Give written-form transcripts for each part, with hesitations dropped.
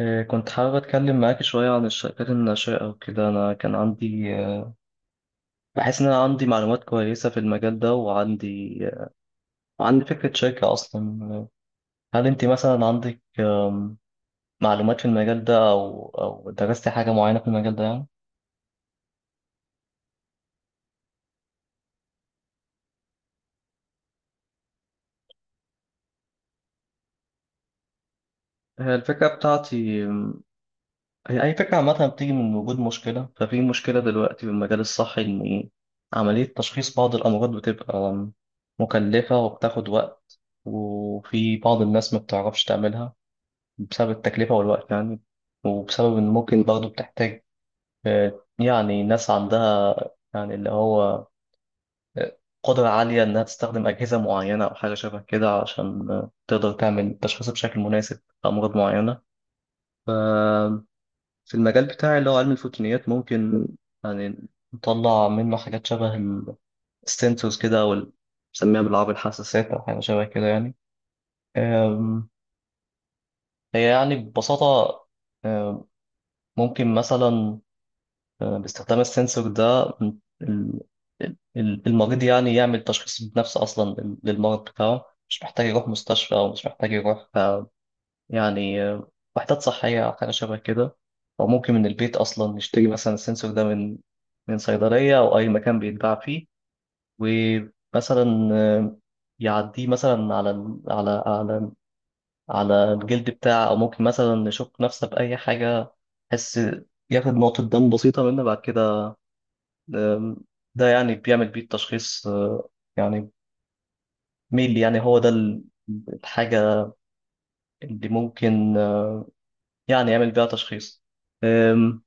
كنت حابب أتكلم معاك شوية عن الشركات الناشئة وكده. أنا كان عندي بحس إن أنا عندي معلومات كويسة في المجال ده وعندي فكرة شركة أصلا. هل أنت مثلا عندك معلومات في المجال ده أو درستي حاجة معينة في المجال ده يعني؟ هي الفكرة بتاعتي هي أي فكرة عامة بتيجي من وجود مشكلة. ففي مشكلة دلوقتي في المجال الصحي إن عملية تشخيص بعض الأمراض بتبقى مكلفة وبتاخد وقت، وفي بعض الناس ما بتعرفش تعملها بسبب التكلفة والوقت يعني، وبسبب إن ممكن برضه بتحتاج يعني ناس عندها يعني اللي هو آه، قدرة عالية إنها تستخدم أجهزة معينة أو حاجة شبه كده عشان تقدر تعمل تشخيص بشكل مناسب لأمراض معينة. ف- في المجال بتاعي اللي هو علم الفوتونيات ممكن يعني نطلع منه حاجات شبه السنسورز كده، أو بنسميها بالعربي الحساسات أو حاجة شبه كده يعني. آم، هي يعني ببساطة آم، ممكن مثلا باستخدام السنسور ده ال- المريض يعني يعمل تشخيص بنفسه أصلا للمرض بتاعه، مش محتاج يروح مستشفى أو مش محتاج يروح يعني وحدات صحية أو حاجة شبه كده، أو ممكن من البيت أصلا نشتري مثلا السنسور ده من صيدلية أو أي مكان بيتباع فيه. ومثلا يعديه مثلا على ال- على على على الجلد بتاعه، أو ممكن مثلا نشك نفسه بأي حاجة بس ياخد نقطة دم بسيطة منه بعد كده. آم، ده يعني بيعمل بيه التشخيص. يعني ميلي يعني هو ده الحاجة اللي ممكن يعني يعمل بيها تشخيص. آم،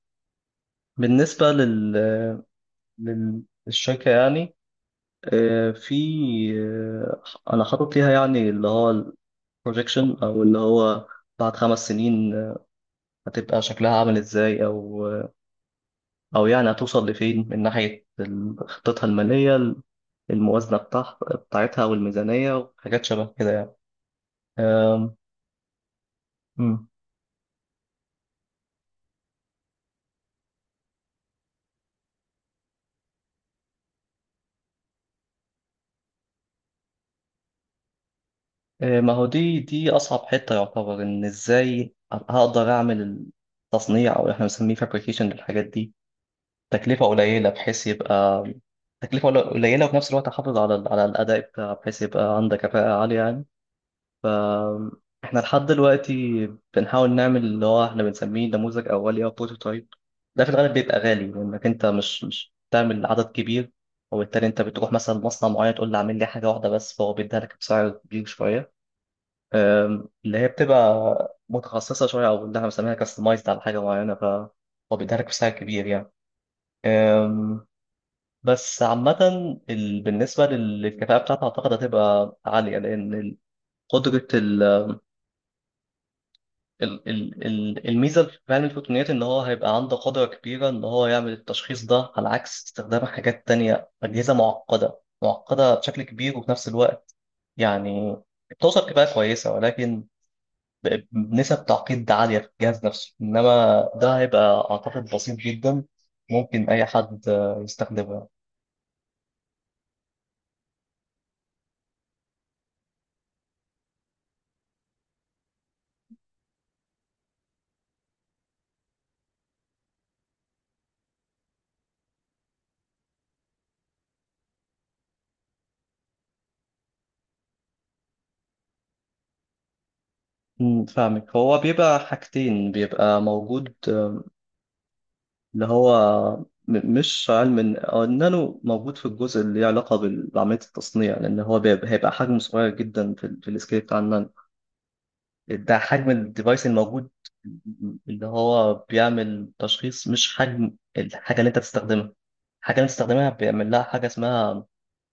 بالنسبة للشركة يعني في آه، أنا حاطط ليها يعني اللي هو البروجيكشن، أو اللي هو بعد 5 سنين هتبقى شكلها عامل إزاي، أو أو يعني هتوصل لفين من ناحية خطتها المالية، الموازنة بتاعتها والميزانية وحاجات شبه كده يعني. أم، مم. إيه، ما هو دي أصعب حتة، يعتبر إن إزاي هقدر أعمل التصنيع، أو إحنا بنسميه فابريكيشن، للحاجات دي تكلفة قليلة، بحيث يبقى تكلفة قليلة وفي نفس الوقت أحافظ على على الأداء بتاعها، بحيث يبقى عندك كفاءة عالية يعني. فاحنا لحد دلوقتي بنحاول نعمل اللي هو احنا بنسميه نموذج اولي او بروتوتايب. ده في الغالب بيبقى غالي لانك انت مش بتعمل عدد كبير، وبالتالي انت بتروح مثلا مصنع معين تقول له اعمل لي حاجه واحده بس، فهو بيديها لك بسعر كبير شويه. اللي هي بتبقى متخصصه شويه، او اللي احنا بنسميها كاستمايزد على حاجه معينه، فهو بيديها لك بسعر كبير يعني. أم، بس عامة بالنسبة للكفاءة بتاعتها أعتقد هتبقى عالية، لأن قدرة الميزة في علم الفوتونيات إن هو هيبقى عنده قدرة كبيرة إن هو يعمل التشخيص ده، على عكس استخدام حاجات تانية أجهزة معقدة معقدة بشكل كبير وفي نفس الوقت يعني بتوصل كفاءة كويسة، ولكن بنسب تعقيد عالية في الجهاز نفسه. إنما ده هيبقى أعتقد بسيط جدا، ممكن أي حد يستخدمه. فاهمك، هو بيبقى حاجتين بيبقى موجود اللي هو مش علم النانو موجود في الجزء اللي ليه علاقة بعملية التصنيع، لأن هو هيبقى حجمه صغير جدا في السكيل بتاع النانو. ده حجم الديفايس الموجود اللي هو بيعمل تشخيص، مش حجم الحاجة اللي أنت تستخدمها الحاجة اللي أنت تستخدمها بيعمل لها حاجة اسمها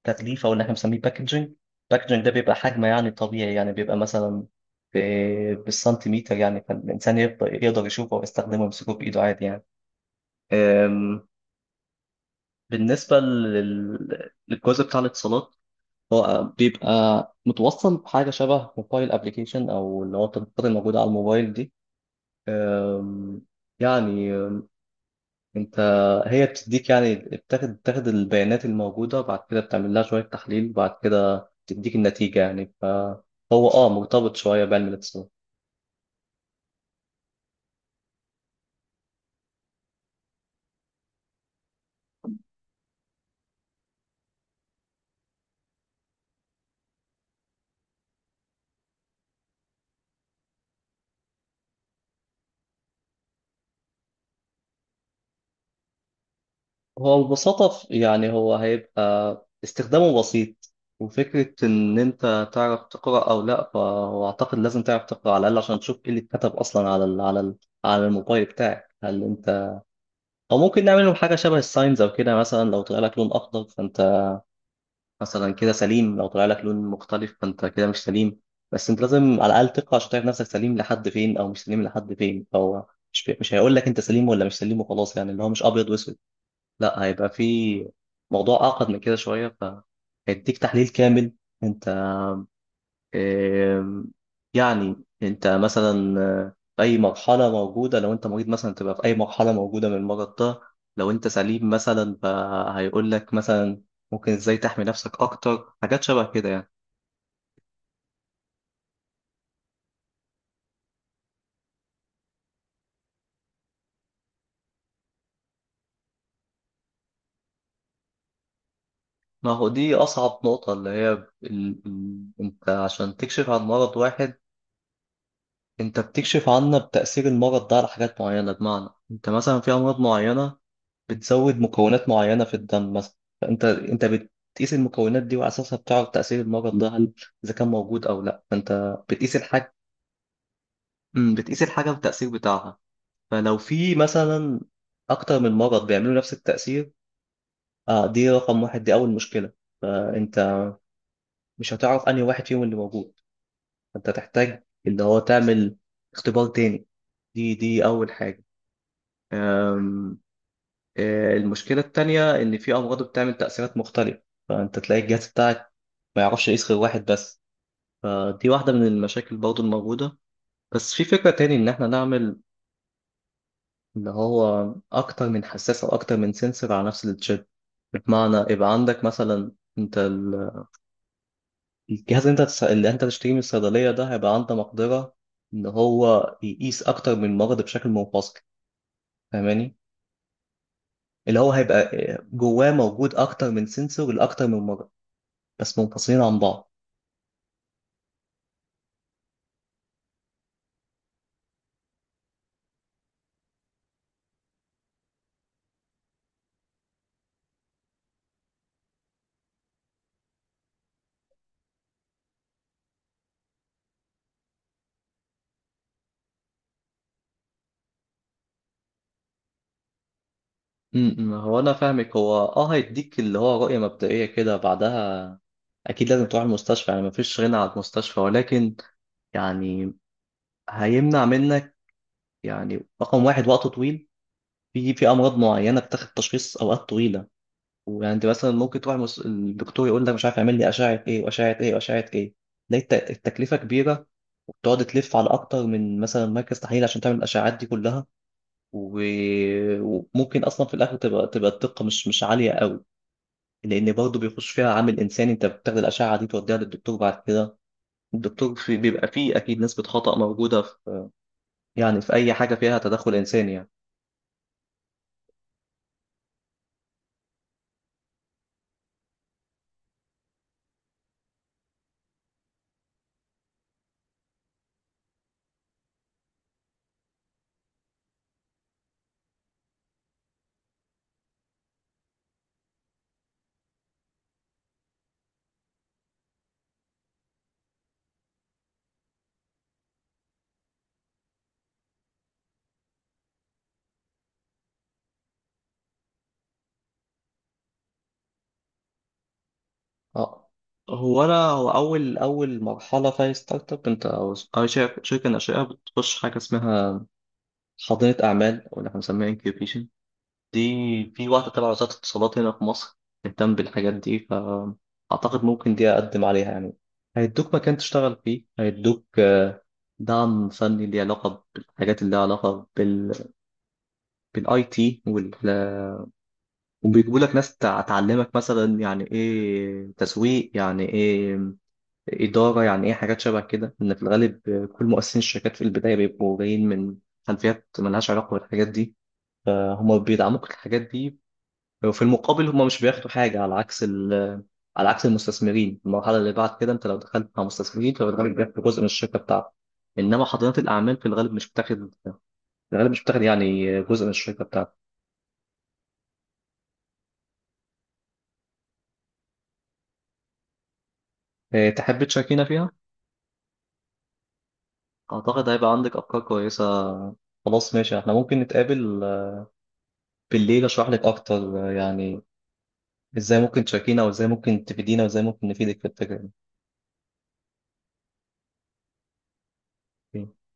تغليف، أو اللي احنا بنسميه باكجنج. باكجنج ده بيبقى حجم يعني طبيعي، يعني بيبقى مثلا بالسنتيمتر يعني، فالإنسان يقدر يشوفه ويستخدمه ويمسكه بإيده عادي يعني. آمم بالنسبة للجزء بتاع الاتصالات، هو بيبقى متوصل بحاجة شبه موبايل ابلكيشن، أو اللي هو التطبيقات الموجودة على الموبايل دي. أم، يعني أنت، هي بتديك يعني بتاخد البيانات الموجودة، بعد كده بتعمل لها شوية تحليل، بعد كده تديك النتيجة يعني، فهو مرتبط شوية بعلم الاتصالات. هو ببساطة يعني هو هيبقى استخدامه بسيط، وفكرة إن أنت تعرف تقرأ أو لأ، فهو أعتقد لازم تعرف تقرأ على الأقل عشان تشوف إيه اللي اتكتب أصلا على الموبايل بتاعك. هل أنت أو ممكن نعمل لهم حاجة شبه الساينز أو كده، مثلا لو طلع لك لون أخضر فأنت مثلا كده سليم، لو طلع لك لون مختلف فأنت كده مش سليم. بس أنت لازم على الأقل تقرأ عشان تعرف نفسك سليم لحد فين أو مش سليم لحد فين، فهو مش هيقول لك أنت سليم ولا مش سليم وخلاص، يعني اللي هو مش أبيض وأسود، لا هيبقى في موضوع أعقد من كده شوية، فهيديك تحليل كامل. أنت آم، يعني أنت مثلا في أي مرحلة موجودة، لو أنت مريض مثلا تبقى في أي مرحلة موجودة من المرض ده، لو أنت سليم مثلا فهيقول لك مثلا ممكن إزاي تحمي نفسك أكتر، حاجات شبه كده يعني. ما هو دي أصعب نقطة، اللي هي أنت عشان تكشف عن مرض واحد، أنت بتكشف عنه بتأثير المرض ده على حاجات معينة، بمعنى أنت مثلا في أمراض معينة بتزود مكونات معينة في الدم مثلا، فأنت بتقيس المكونات دي وعلى أساسها بتعرف تأثير المرض ده، هل إذا كان موجود أو لأ، فأنت بتقيس الحاجة. بتقيس الحاجة والتأثير بتاعها. فلو في مثلا أكتر من مرض بيعملوا نفس التأثير، دي رقم واحد، دي أول مشكلة. فأنت مش هتعرف أنهي واحد فيهم اللي موجود، فأنت تحتاج اللي هو تعمل اختبار تاني. دي أول حاجة. أم، المشكلة التانية إن في أمراض بتعمل تأثيرات مختلفة، فأنت تلاقي الجهاز بتاعك ما يعرفش يقيس غير واحد بس، فدي واحدة من المشاكل برضو الموجودة. بس في فكرة تاني إن إحنا نعمل اللي هو أكتر من حساس أو أكتر من سنسور على نفس التشيب، بمعنى يبقى عندك مثلا أنت الجهاز اللي أنت اللي أنت تشتريه من الصيدلية ده هيبقى عنده مقدرة إن هو يقيس أكتر من مرض بشكل منفصل، فاهماني؟ اللي هو هيبقى جواه موجود أكتر من سنسور لأكتر من مرض، بس منفصلين عن بعض. امم، هو انا فاهمك، هو هيديك اللي هو رؤية مبدئية كده، بعدها اكيد لازم تروح المستشفى، يعني مفيش غنى عن المستشفى، ولكن يعني هيمنع منك، يعني رقم واحد، وقت طويل. في امراض معينة بتاخد تشخيص اوقات طويلة، ويعني انت مثلا ممكن تروح الدكتور يقول لك مش عارف اعمل لي اشعة ايه واشعة ايه واشعة ايه، تلاقي التكلفة كبيرة، وبتقعد تلف على اكتر من مثلا مركز تحليل عشان تعمل الاشعات دي كلها. و... وممكن اصلا في الاخر تبقى الدقة مش عالية قوي، لان برضه بيخش فيها عامل انساني، انت بتاخد الاشعه دي توديها للدكتور، بعد كده الدكتور في بيبقى فيه اكيد نسبه خطا موجوده في، يعني في اي حاجه فيها تدخل انساني يعني. اه هو اول مرحله في أي ستارت اب، انت او أي شركة ناشئه بتخش حاجه اسمها حاضنه اعمال، او اللي احنا بنسميها انكيوبيشن. دي في واحده تبع وزاره الاتصالات هنا في مصر بتهتم بالحاجات دي، فاعتقد ممكن دي اقدم عليها يعني. هيدوك مكان تشتغل فيه، هيدوك دعم فني ليه علاقة بالحاجات اللي لها علاقة بال بالاي تي وبيجيبوا لك ناس تعلمك مثلا يعني ايه تسويق، يعني ايه إدارة، يعني ايه، حاجات شبه كده، إن في الغالب كل مؤسسين الشركات في البداية بيبقوا جايين من خلفيات ملهاش علاقة بالحاجات دي، فهم بيدعموك الحاجات دي. وفي المقابل هم مش بياخدوا حاجة، على عكس على عكس المستثمرين. المرحلة اللي بعد كده انت لو دخلت مع مستثمرين فبالغالب بياخدوا جزء من الشركة بتاعتك، انما حاضنات الاعمال في الغالب مش بتاخد يعني جزء من الشركة بتاعتك. إيه، تحب تشاركينا فيها؟ أعتقد هيبقى عندك أفكار كويسة. خلاص ماشي، احنا ممكن نتقابل بالليل أشرح لك أكتر يعني إزاي ممكن تشاركينا وإزاي ممكن تفيدينا وإزاي ممكن نفيدك في الفكرة دي